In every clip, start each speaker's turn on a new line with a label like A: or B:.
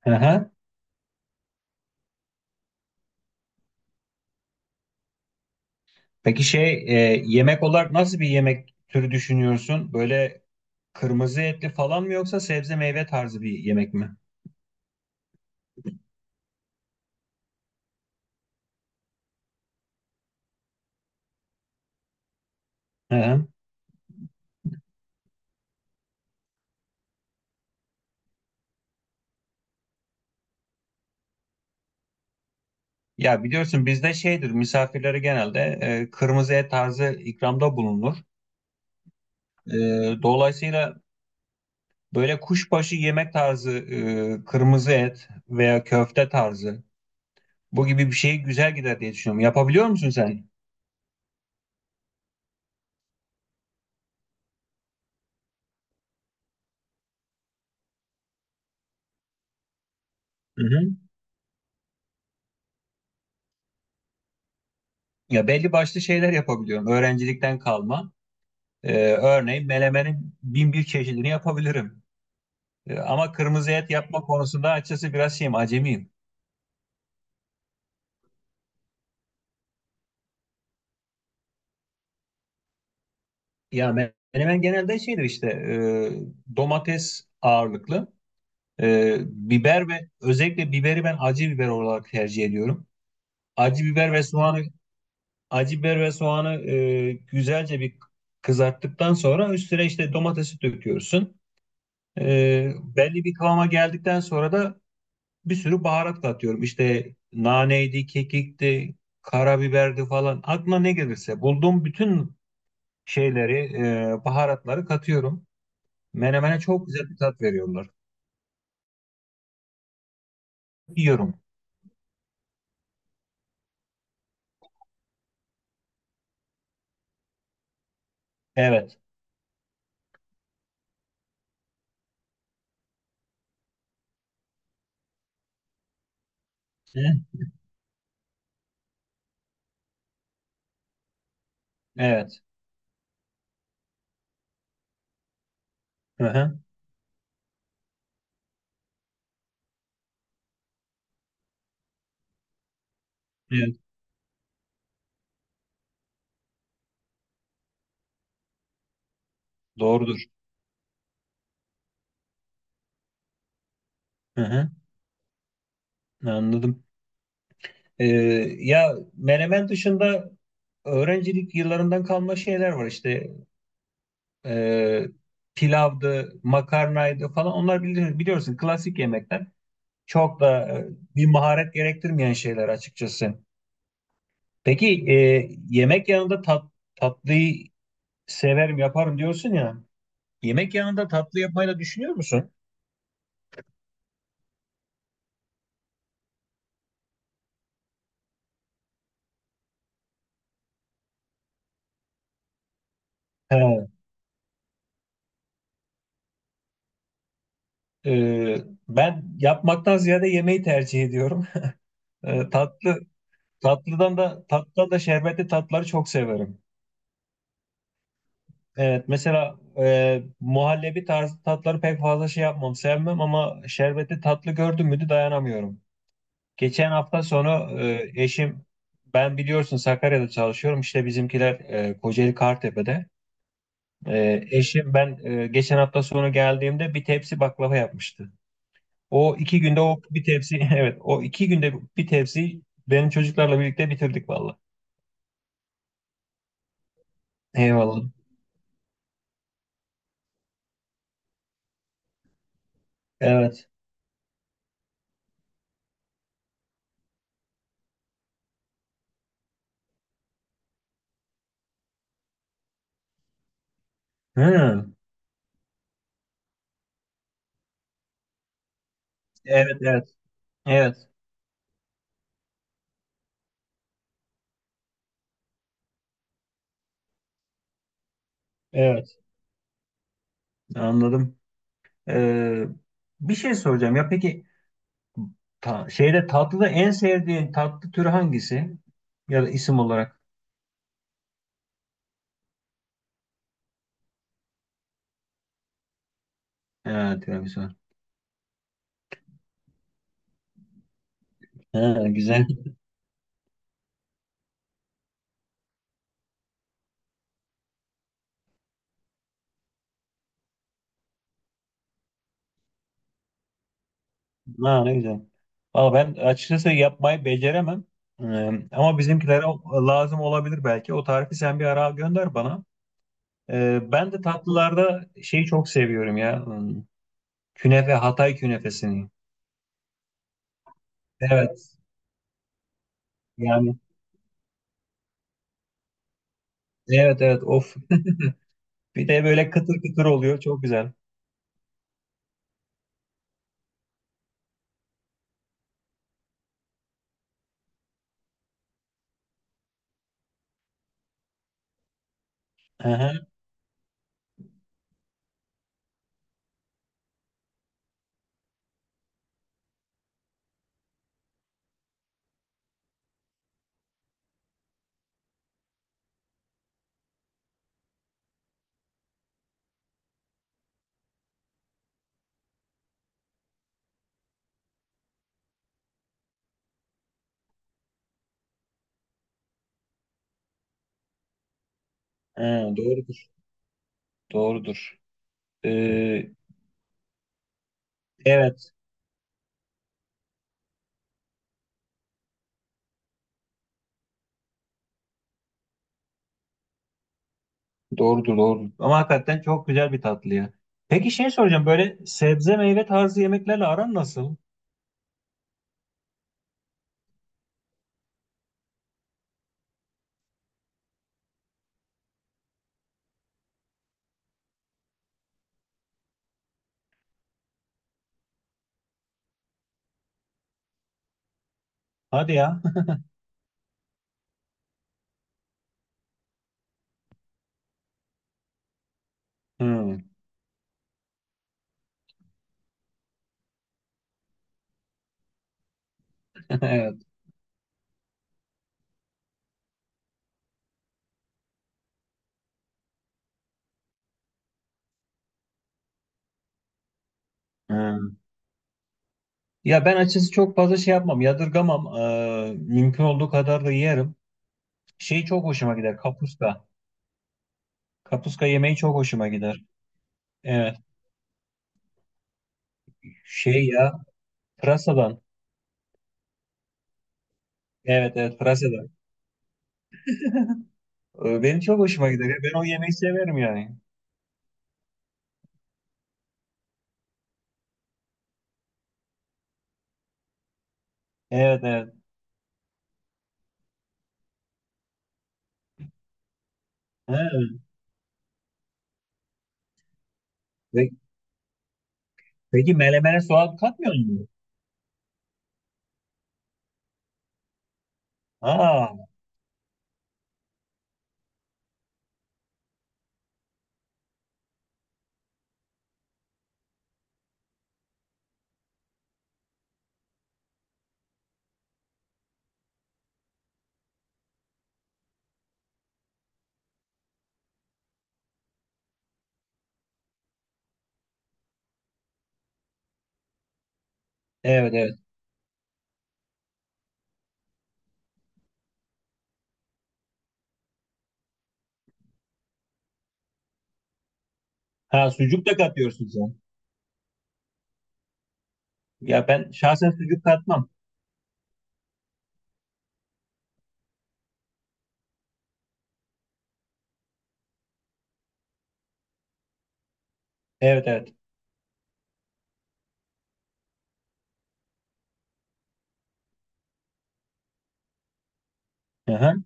A: Hı hı. Peki yemek olarak nasıl bir yemek türü düşünüyorsun? Böyle kırmızı etli falan mı yoksa sebze meyve tarzı bir yemek mi? Hı hı. Ya biliyorsun bizde şeydir misafirlere genelde kırmızı et tarzı ikramda bulunur. Dolayısıyla böyle kuşbaşı yemek tarzı, kırmızı et veya köfte tarzı, bu gibi bir şey güzel gider diye düşünüyorum. Yapabiliyor musun sen? Hı hı. Ya belli başlı şeyler yapabiliyorum. Öğrencilikten kalma. Örneğin melemenin bin bir çeşidini yapabilirim. Ama kırmızı et yapma konusunda açıkçası biraz şeyim, acemiyim. Melemen genelde şeydir işte, domates ağırlıklı. E, Biber ve özellikle biberi ben acı biber olarak tercih ediyorum. Acı biber ve soğanı, acı biber ve soğanı güzelce bir kızarttıktan sonra üstüne işte domatesi döküyorsun. E, Belli bir kıvama geldikten sonra da bir sürü baharat katıyorum. İşte naneydi, kekikti, karabiberdi falan. Aklına ne gelirse bulduğum bütün şeyleri, baharatları katıyorum. Menemene çok güzel bir tat veriyorlar. Yiyorum. Evet. Hı? Evet. Hı hı. Evet. Doğrudur. Hı hı. Anladım. E, Ya menemen dışında öğrencilik yıllarından kalma şeyler var işte. E, Pilavdı, makarnaydı falan. Onlar bilir, biliyorsun klasik yemekler. Çok da bir maharet gerektirmeyen şeyler açıkçası. Peki, yemek yanında tatlıyı severim yaparım diyorsun ya. Yemek yanında tatlı yapmayı da düşünüyor musun? He, e, Ben yapmaktan ziyade yemeği tercih ediyorum. E, tatlı tatlıdan da şerbetli tatları çok severim. Evet, mesela muhallebi tarzı tatları pek fazla şey yapmam, sevmem, ama şerbetli tatlı gördüm müydü dayanamıyorum. Geçen hafta sonu e, eşim ben biliyorsun Sakarya'da çalışıyorum, işte bizimkiler Kocaeli Kartepe'de. Eşim geçen hafta sonu geldiğimde bir tepsi baklava yapmıştı. O iki günde o bir tepsi, evet, o iki günde bir tepsi, benim çocuklarla birlikte bitirdik valla. Eyvallah. Evet. Hı. Evet, evet. Evet. Evet. Anladım. E, Bir şey soracağım ya, peki şeyde, tatlıda en sevdiğin tatlı türü hangisi? Ya da isim olarak. Ha, tiramisu var. Ha, güzel. Ha, ne güzel. Valla ben açıkçası yapmayı beceremem. Ee, Ama bizimkilere lazım olabilir belki. O tarifi sen bir ara gönder bana. Ben de tatlılarda şeyi çok seviyorum ya. Hmm, künefe, Hatay künefesini. Evet. Yani evet, evet, of. Bir de böyle kıtır kıtır oluyor. Çok güzel. Aha, ha, doğrudur. Doğrudur. Ee, evet. Doğrudur, doğrudur. Ama hakikaten çok güzel bir tatlı ya. Peki şey soracağım, böyle sebze meyve tarzı yemeklerle aran nasıl? Hadi ya. Hmm, evet. Hmm. Ya ben açıkçası çok fazla şey yapmam, yadırgamam. Mümkün olduğu kadar da yerim. Şey çok hoşuma gider, kapuska. Kapuska yemeği çok hoşuma gider. Evet. Şey ya, pırasadan. Evet, evet, pırasadan. Benim çok hoşuma gider ya. Ben o yemeği severim yani. Evet, evet. Ha, pe- peki melemene soğan katmıyor musun? Aa, evet, evet. Ha, sucuk da katıyorsun sen. Ya ben şahsen sucuk katmam. Evet, evet. Hı hı.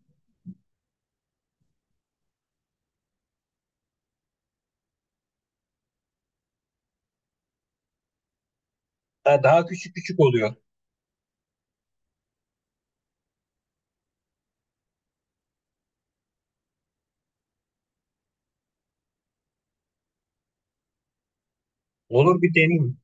A: Ha, daha küçük küçük oluyor. Olur, bir deneyeyim.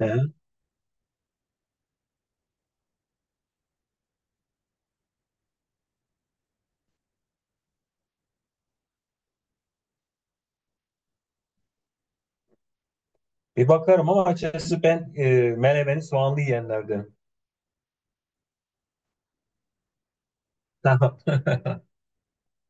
A: Hı, hı. Bir bakarım ama açıkçası ben menemeni soğanlı yiyenlerdenim. Tamam.